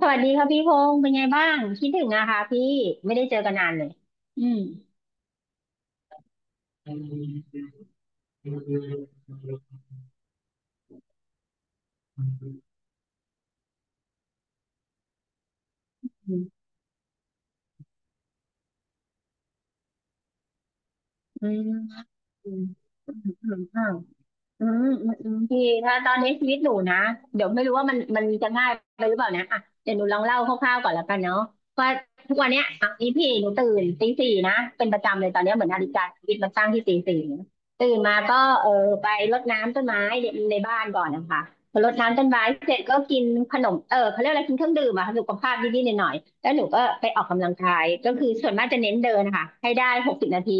สวัสดีค่ะพี่พงษ์เป็นไงบ้างคิดถึงนะคะพี่ไม่ได้เจอกันนานเลยอืมอืมอืมอืมอืม พี่ถ้าตอนนี้ชีวิตหนูนะเดี๋ยวไม่รู้ว่ามันจะง่ายไปหรือเปล่านะอ่ะเดี๋ยวหนูลองเล่าคร่าวๆก่อนแล้วกันเนาะว่าทุกวันเนี้ยอ่ะอีพี่หนูตื่นตีสี่นะเป็นประจำเลยตอนเนี้ยเหมือนนาฬิกาชีวิตมันตั้งที่ตีสี่เนี่ยตื่นมาก็เออไปรดน้ำต้นไม้ในบ้านก่อนนะคะพอรดน้ำต้นไม้เสร็จก็กินขนมเขาเรียกอะไรกินเครื่องดื่มอะสุขภาพนิดๆหน่อยๆแล้วหนูก็ไปออกกำลังกายก็คือส่วนมากจะเน้นเดินนะคะให้ได้หกสิบนาที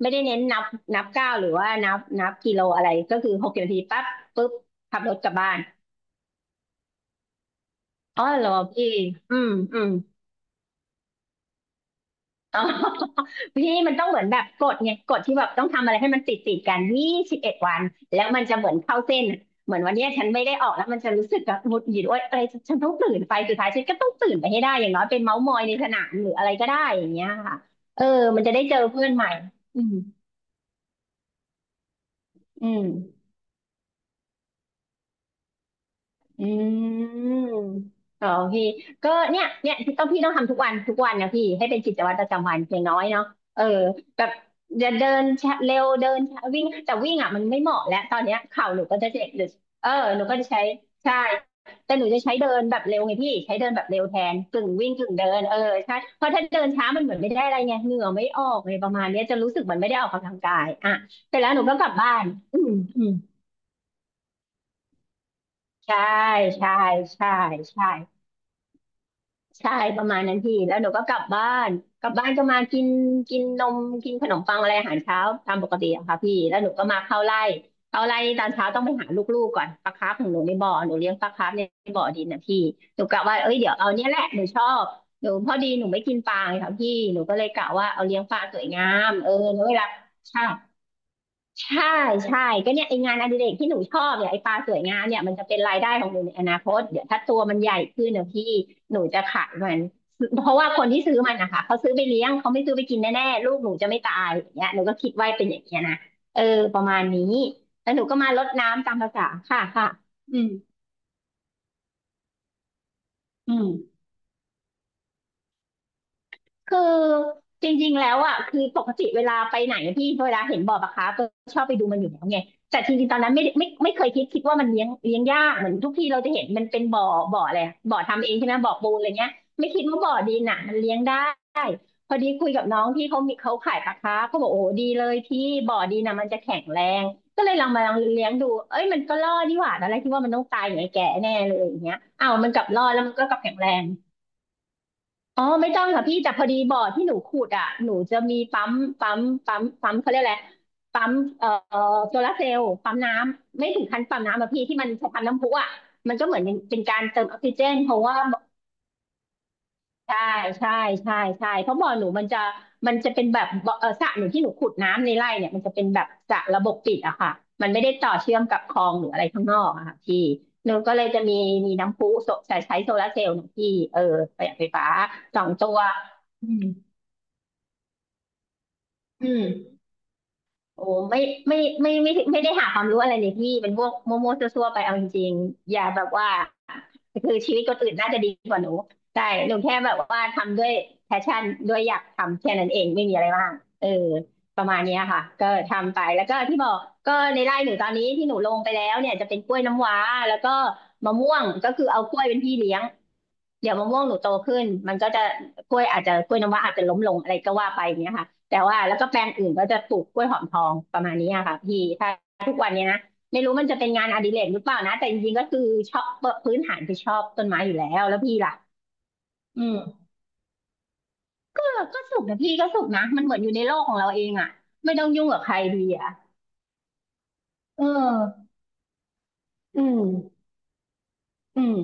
ไม่ได้เน้นนับ นับก้าวหรือว่านับกิโลอะไรก็คือหกสิบนาทีปั๊บปุ๊บขับรถกลับบ้านอ๋อเหรอพี่อืมอืมอ๋อ พี่มันต้องเหมือนแบบกฎไงกฎที่แบบต้องทำอะไรให้มันติดกัน21 วันแล้วมันจะเหมือนเข้าเส้นเหมือนวันเนี้ยฉันไม่ได้ออกแล้วมันจะรู้สึกแบบหงุดหงิดว่าอะไรฉันต้องตื่นไปสุดท้ายฉันก็ต้องตื่นไปให้ได้อย่างน้อยเปนเมาส์มอยในสนามหรืออะไรก็ได้อย่างเงี้ยค่ะเออมันจะได้เจอเพื่อนใหม่อืมอืม อืมอ๋อพี่ก็เนี่ยพี่ต้องทำทุกวัน ทุกวันนะพี่ให้เป็นกิจวัตรประจำวันอย่างน้อยเนาะเออแบบจะเดินช้าเร็วเดินช้าวิ่งแต่วิ่งอ่ะมันไม่เหมาะแล้วตอนเนี้ยเข่าหนูก็จะเจ็บหรือเออหนูก็จะใช้ใช่แต่หนูจะใช้เดินแบบเร็วไงพี่ ใช้เดินแบบเร็วแทนกึ่งวิ่งกึ่งเดินใช่เพราะถ้าเดินช้ามันเหมือนไม่ได้อะไรไงเหงื่อไม่ออกเลยประมาณเนี้ยจะรู้สึกเหมือนไม่ได้ออกกำลังกายอ่ะเสร็จแล้วหนูก็กลับบ้านอืมอืมใช่ใช่ใช่ใช่ ใช่ประมาณนั้นพี่แล้วหนูก็กลับบ้านกลับบ้านก็มากินกินนมกินขนมปังอะไรอาหารเช้าตามปกติอะค่ะพี่แล้วหนูก็มาเข้าไร่เข้าไร่ตอนเช้าต้องไปหาลูกๆก่อนปลาคาร์ฟของหนูในบ่อหนูเลี้ยงปลาคาร์ฟในบ่อดินนะพี่หนูกะว่าเอ้ยเดี๋ยวเอาเนี้ยแหละหนูชอบหนูพอดีหนูไม่กินปลาไงค่ะพี่หนูก็เลยกะว่าเอาเลี้ยงปลาสวยงามแล้วเวลาใช่ ใช่ใช่ก็เนี่ยไองานอดิเรกที่หนูชอบเนี่ยไอปลาสวยงามเนี่ยมันจะเป็นรายได้ของหนูในอนาคตเดี๋ยวถ้าตัวมันใหญ่ขึ้นนะพี่หนูจะขายมัน เพราะว่าคนที่ซื้อมันนะคะเขาซื้อไปเลี้ยงเขาไม่ซื้อไปกินแน่ๆลูกหนูจะไม่ตายอย่างเงี้ยหนูก็คิดไว้เป็นอย่างเงี้ยนะเออประมาณนี้แล้วหนูก็มารดน้ำตามภาษาค่ะค่ะอืมอืม คือจริงๆ แล้วอ่ะคือปกติเวลาไปไหนพี่เวลาเห็นบ่อปลาคาร์ฟก็ชอบไปดูมันอยู่แล้วไงแต่จริงๆตอนนั้นไม่เคยคิดว่ามันเลี้ยงยากเหมือนทุกที่เราจะเห็นมันเป็นบ่ออะไรอะบ่อทำเองใช่ไหมบ่อปูนอะไรเงี้ยไม่คิดว่าบ่อดินอ่ะมันเลี้ยงได้พอดีคุยกับน้องที่เขามีเขาขายปลาคาร์ฟเขาบอกโอ้โหดีเลยพี่บ่อดินอ่ะมันจะแข็งแรงก็เลยลองมาลองเลี้ยงดูเอ้ยมันก็รอดนี่หว่าตอนแรกคิดว่ามันต้องตายอย่างไอ้แก่แน่เลยอย่างเงี้ยอ้าวมันกลับรอดแล้วมันก็กลับแข็งแรง อ๋อไม่ต้องค่ะพี่แต่พอดีบ่อที่หนูขุดอ่ะหนูจะมีปั๊มปั๊มเขาเรียกอะไรปั๊มเอ่อโซลาร์เซลล์ปั๊มน้ำไม่ถึงขั้นปั๊มน้ำอะพี่ที่มันใช้ปั๊มน้ำพุอ่ะมันก็เหมือนเป็นการเติมออกซิเจนเพราะว่าใช่ใช่ใช่ใช่เพราะบ่อหนูมันจะเป็นแบบบ่อสระหนูที่หนูขุดน้ำในไร่เนี่ยมันจะเป็นแบบสระระบบปิดอะค่ะมันไม่ได้ต่อเชื่อมกับคลองหรืออะไรข้างนอกอะค่ะพี่หนูก็เลยจะมีน้ำพุโซใช้โซลาร์เซลล์หนูพี่เออประหยัดไฟฟ้าสองตัว อืมโอ้ไม่ไม่ไม่ไม่ไม่ได้หาความรู้อะไรเลยพี่เป็นพวกโมวๆซั่วๆไปเอาจริงๆอย่าแบบว่าคือชีวิตคนอื่นน่าจะดีกว่าหนูใช่หนูแค่แบบว่าทำด้วยแพชชั่นด้วยอยากทำแค่นั้นเองไม่มีอะไรมากเออประมาณเนี้ยค่ะก็ทำไปแล้วก็ที่บอกก็ในไร่หนูตอนนี้ที่หนูลงไปแล้วเนี่ยจะเป็นกล้วยน้ำว้าแล้วก็มะม่วงก็คือเอากล้วยเป็นพี่เลี้ยงเดี๋ยวมะม่วงหนูโตขึ้นมันก็จะกล้วยอาจจะกล้วยน้ำว้าอาจจะล้มลงอะไรก็ว่าไปอย่างเงี้ยค่ะ แต่ว่าแล้วก็แปลงอื่นก็จะปลูกกล้วยหอมทองประมาณนี้อะค่ะพี่ถ้าทุกวันเนี้ยนะไม่รู้มันจะเป็นงานอดิเรกหรือเปล่านะแต่จริงๆก็คือชอบพื้นฐานคือชอบต้นไม้อยู่แล้วแล้วพี่ล่ะอืมเออก็สุขนะพี่ก็สุขนะมันเหมือนอยู่ในโลกของเราเองอ่ะไม่ต้องยุ่งกับใครดีอ่ะเอออืมอืม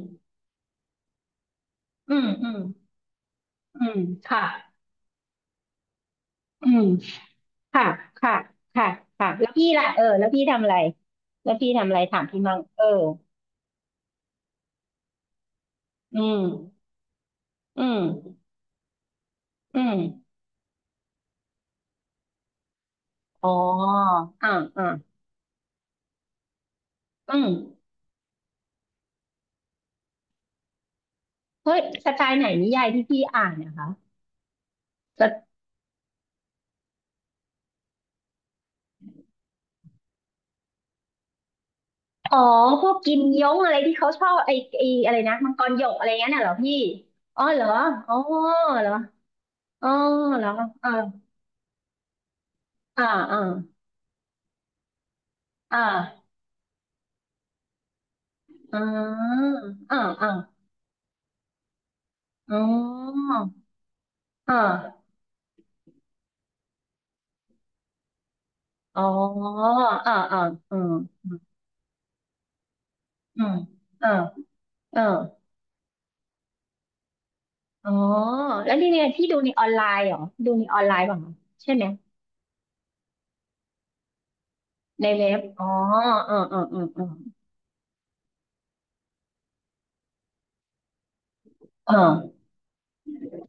อืมอืมอืมค่ะอืมค่ะค่ะค่ะค่ะแล้วพี่ล่ะเออแล้วพี่ทำอะไรแล้วพี่ทำอะไรถามพี่มั่งเอออืมอืมอืม อ๋ออ่าอ่าอืมเฮ้ยสไตล์ไหนนิยายที่พี่อ่านนะคะแต่อ๋อพวกกิมยงอะไรที่เขาชอบไอไออะไรนะมังกรหยกอะไรเงี้ยน่ะเหรอพี่อ๋อเหรออ๋อเหรออ๋อเหรอเอ่าอ่าอ่าอ่าอ่าอ่าอ่าอ๋ออ่าอ๋ออ่าอ่าอืมอืมอืมเออเอออ๋อแล้วนี่เนี่ยพี่ดูในออนไลน์เหรอดูในออนไลน์เปล่าใช่ไหม ในเล็บอ๋อเออเออเออเออเออ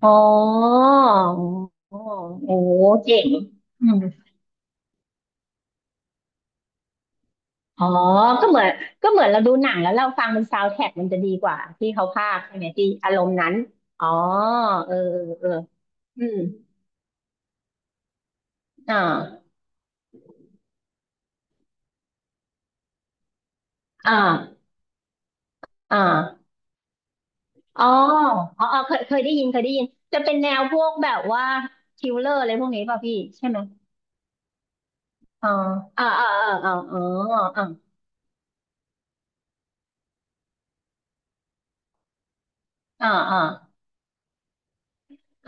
อ๋ออ๋อโอ้โหเจ๋งอืมอ๋อก็เหมือน ก็เหมือนเราดูหนังแล้วเราฟังเป็นซาวด์แทร็กมันจะดีกว่าที่เขาพากย์ใช่ไหมที่อารมณ์นั้นอ๋อเอออืม อ่าอ่าอ่าอ๋ออ๋ออ๋อเคยเคยได้ยินเคยได้ยิน จะเป็นแนวพวกแบบว่าคิลเลอร์อะไรพวกนี้ป่ะพี่ใช่ไหมอ๋ออ่าอ่าอ่าอ่าอ๋ออ่าอ่า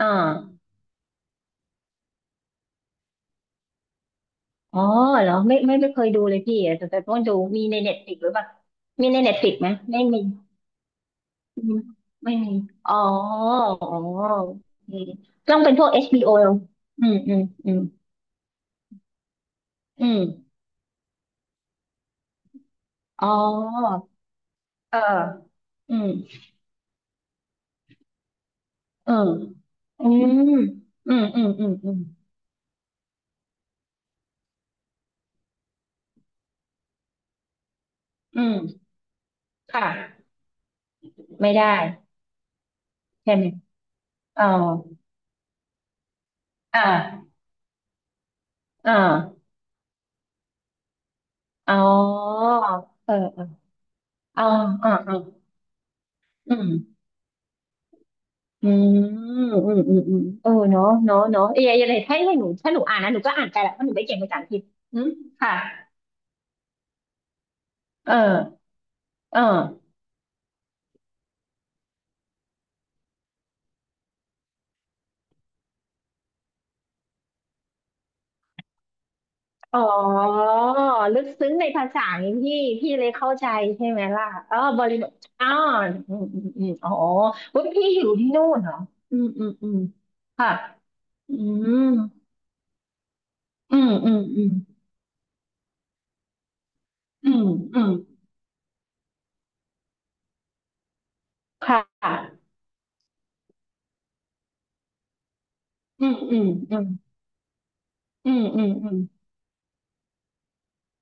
อ่า อ๋อเหรอไม่ไม่ไม่เคยดูเลยพี่แต่แต่ต้องดูมีในเน็ตฟลิกหรือเปล่ามีในเน็ตฟลิกไหมไม่มีอืมไม่มีอ๋ออ๋ออืมต้องเป็นพวก HBO อชบีโออืมอืมอืมอืมอ๋อเอออืมเอออืมอืมอืมอืมอืมอืมค่ะไม่ได้ใช่ไหมอ๋ออ่าอ่าอ๋อเอออ๋ออ๋ออ๋ออืม อืมอืมเออเออย่าไลถ้าให้หนูถ้าหนูอ่านนะหนูก็อ่านไปแหละเพราะหนูไม่เก่งภาษาอังกฤษอืมค่ะเออเอออ๋อลึกซึ้งในภาษาอย่างพี่พี่เลยเข้าใจใช่ไหมล่ะอ๋อบริบทอ๋ออืมอ๋อเว้ยพี่อยู่ที่นู่นเหรออืมค่ะอืมอืมอืมอืมอืมค่ะอืมอืมอืมอืมอืมอืม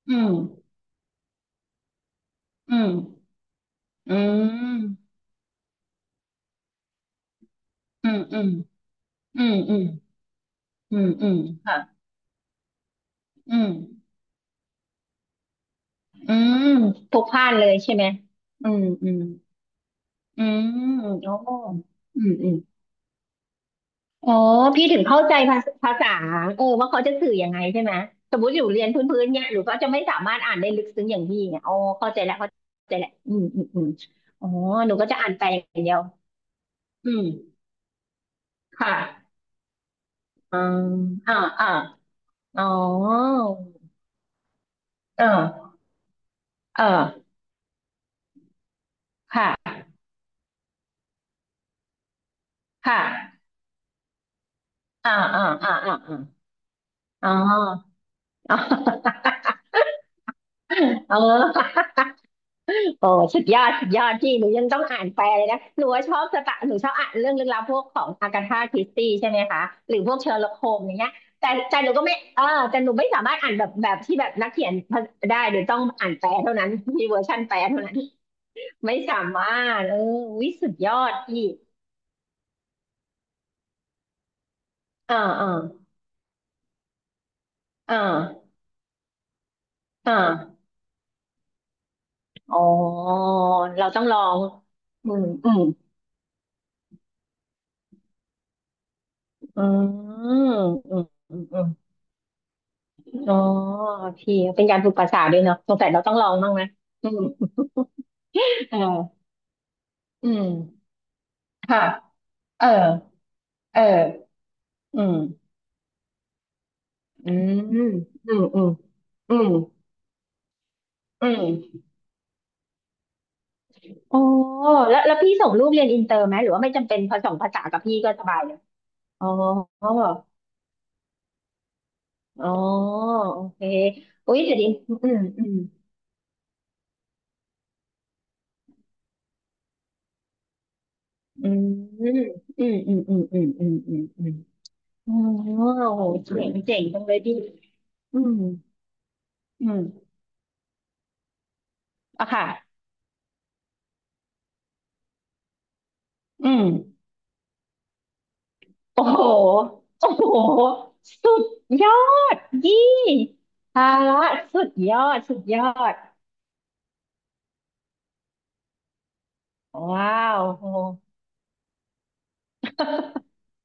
อืมอืมอืมอืมอืม อืมอืมอืมค่ะอืมอืมพลุกพล่านเลยใช่ไหมอืมอืมอืมโอ้อืมอ๋อพี่ถึงเข้าใจภาษาภาษาเออว่าเขาจะสื่อยังไงใช่ไหมสมมติอยู่เรียนพื้นๆเนี่ยหรือเขาจะไม่สามารถอ่านได้ลึกซึ้งอย่างพี่เนี่ยอ๋อเข้าใจแล้วเข้าใจแล้วอืมอ๋อหนูก็จะอ่านไปอย่างเดียวอืมค่ะอืมอ่าอ่าอ๋อเออเออค่ะค่ะอ่าอ่าอ่าอ่าอ่าอ๋อ อ๋อเออโอ้สุดยอดสุดยอดพี่หนูยังต้องอ่านแปลเลยนะหนูว่าชอบสตะหนูชอบอ่านเรื่องลึกลับพวกของอากาธาคริสตี้ใช่ไหมคะ หรือพวกเชอร์ล็อกโฮมอย่างเงี้ยแต่แต่หนูก็ไม่เออแต่หนูไม่สามารถอ่านแบบแบบที่แบบนักเขียนได้หนูต้องอ่านแปลเท่านั้นมีเวอร์ชันแปลเท่านั้น ไม่สามารถเออวิสุดยอดพี่ อ่าอ่าอ่าอ่าอ๋อเราต้องลองอืมอืมอืมอืมอืม อ๋อพี่เป็นการฝึกภาษาด้วยเนาะสงสัยเราต้องลองบ้างนะอืมเอออืมค่ะเออเอออืมอืมอืมอืมอืมอืมอ๋อแล้วแล้วพี่ส่งลูกเรียนอินเตอร์ไหมหรือว่าไม่จำเป็นพอส่งภาษากับพี่ก็สบายเลยอ๋ออ๋อโอเคอุ้ยเดี๋ยวดิอืมอืมอืมอืมอืมอืมอืมอืมอืมอืมอ๋อโหเจ๋งเจ๋งจังเลยพี่อืมอืมอะค่ะอืม โอ้โหโอ้โห สุดยอดยี่ภาระสุดยอดสุดยอด ว้าว โอ้โห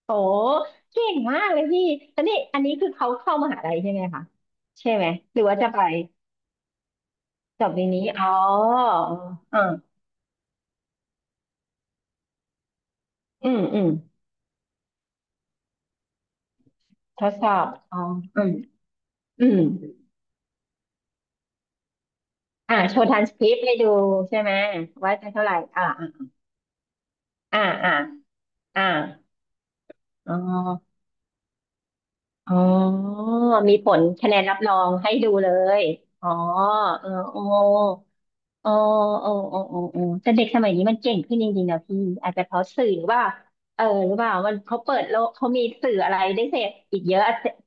โอ้โหเก่งมากเลยพี่อันนี้อันนี้คือเขาเข้ามหาลัยใช่ไหมคะใช่ไหม หรือว่าจะไปจบในนี้อ๋ออ่าอืม อืมทดสอบอ๋ออืมอืมอ่าโชว์ทรานสคริปต์ให้ดูใช่ไหมว่าจะเท่าไหร่อ่าอ่าอ่าอ่าอ๋อ อ๋อมีผลคะแนนรับรองให้ดูเลยอ๋อเออโอ้โอ้โอ้โอ้โอ้โอ้แต่เด็กสมัยนี้มันเก่งขึ้นจริงๆนะพี่ อาจจะเพราะสื่อหรือว่าเออหรือเปล่ามันเขาเปิดโลกเขามีสื่ออะไรได้เสพอีกเยอะ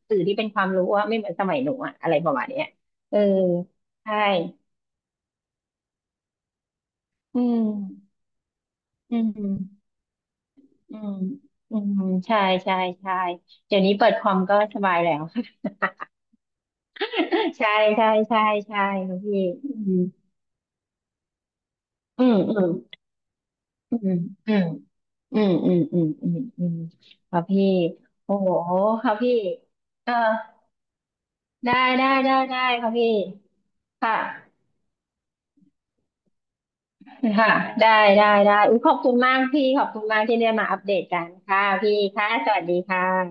สื่อที่เป็นความรู้ว่าไม่เหมือนสมัยหนูอะอะไรประมาณเนี้ยเออใช่อืมอืมอืมอืมใช่ใช่ใช่เดี๋ยวนี้เปิดคอมก็สบายแล้ว ใช่ใช่ใช่ใช่ครับพี่ อืมอืมอืมอืมอืมอืมอืมอืมอืมครับพี่โอ้โหครับพี่เออได้ได้ได้ได้ครับพี่ค่ะค่ะได้ได้ได้อุ๊ยขอบคุณมากพี่ขอบคุณมากที่ได้มาอัปเดตกันค่ะพี่ค่ะสวัสดีค่ะ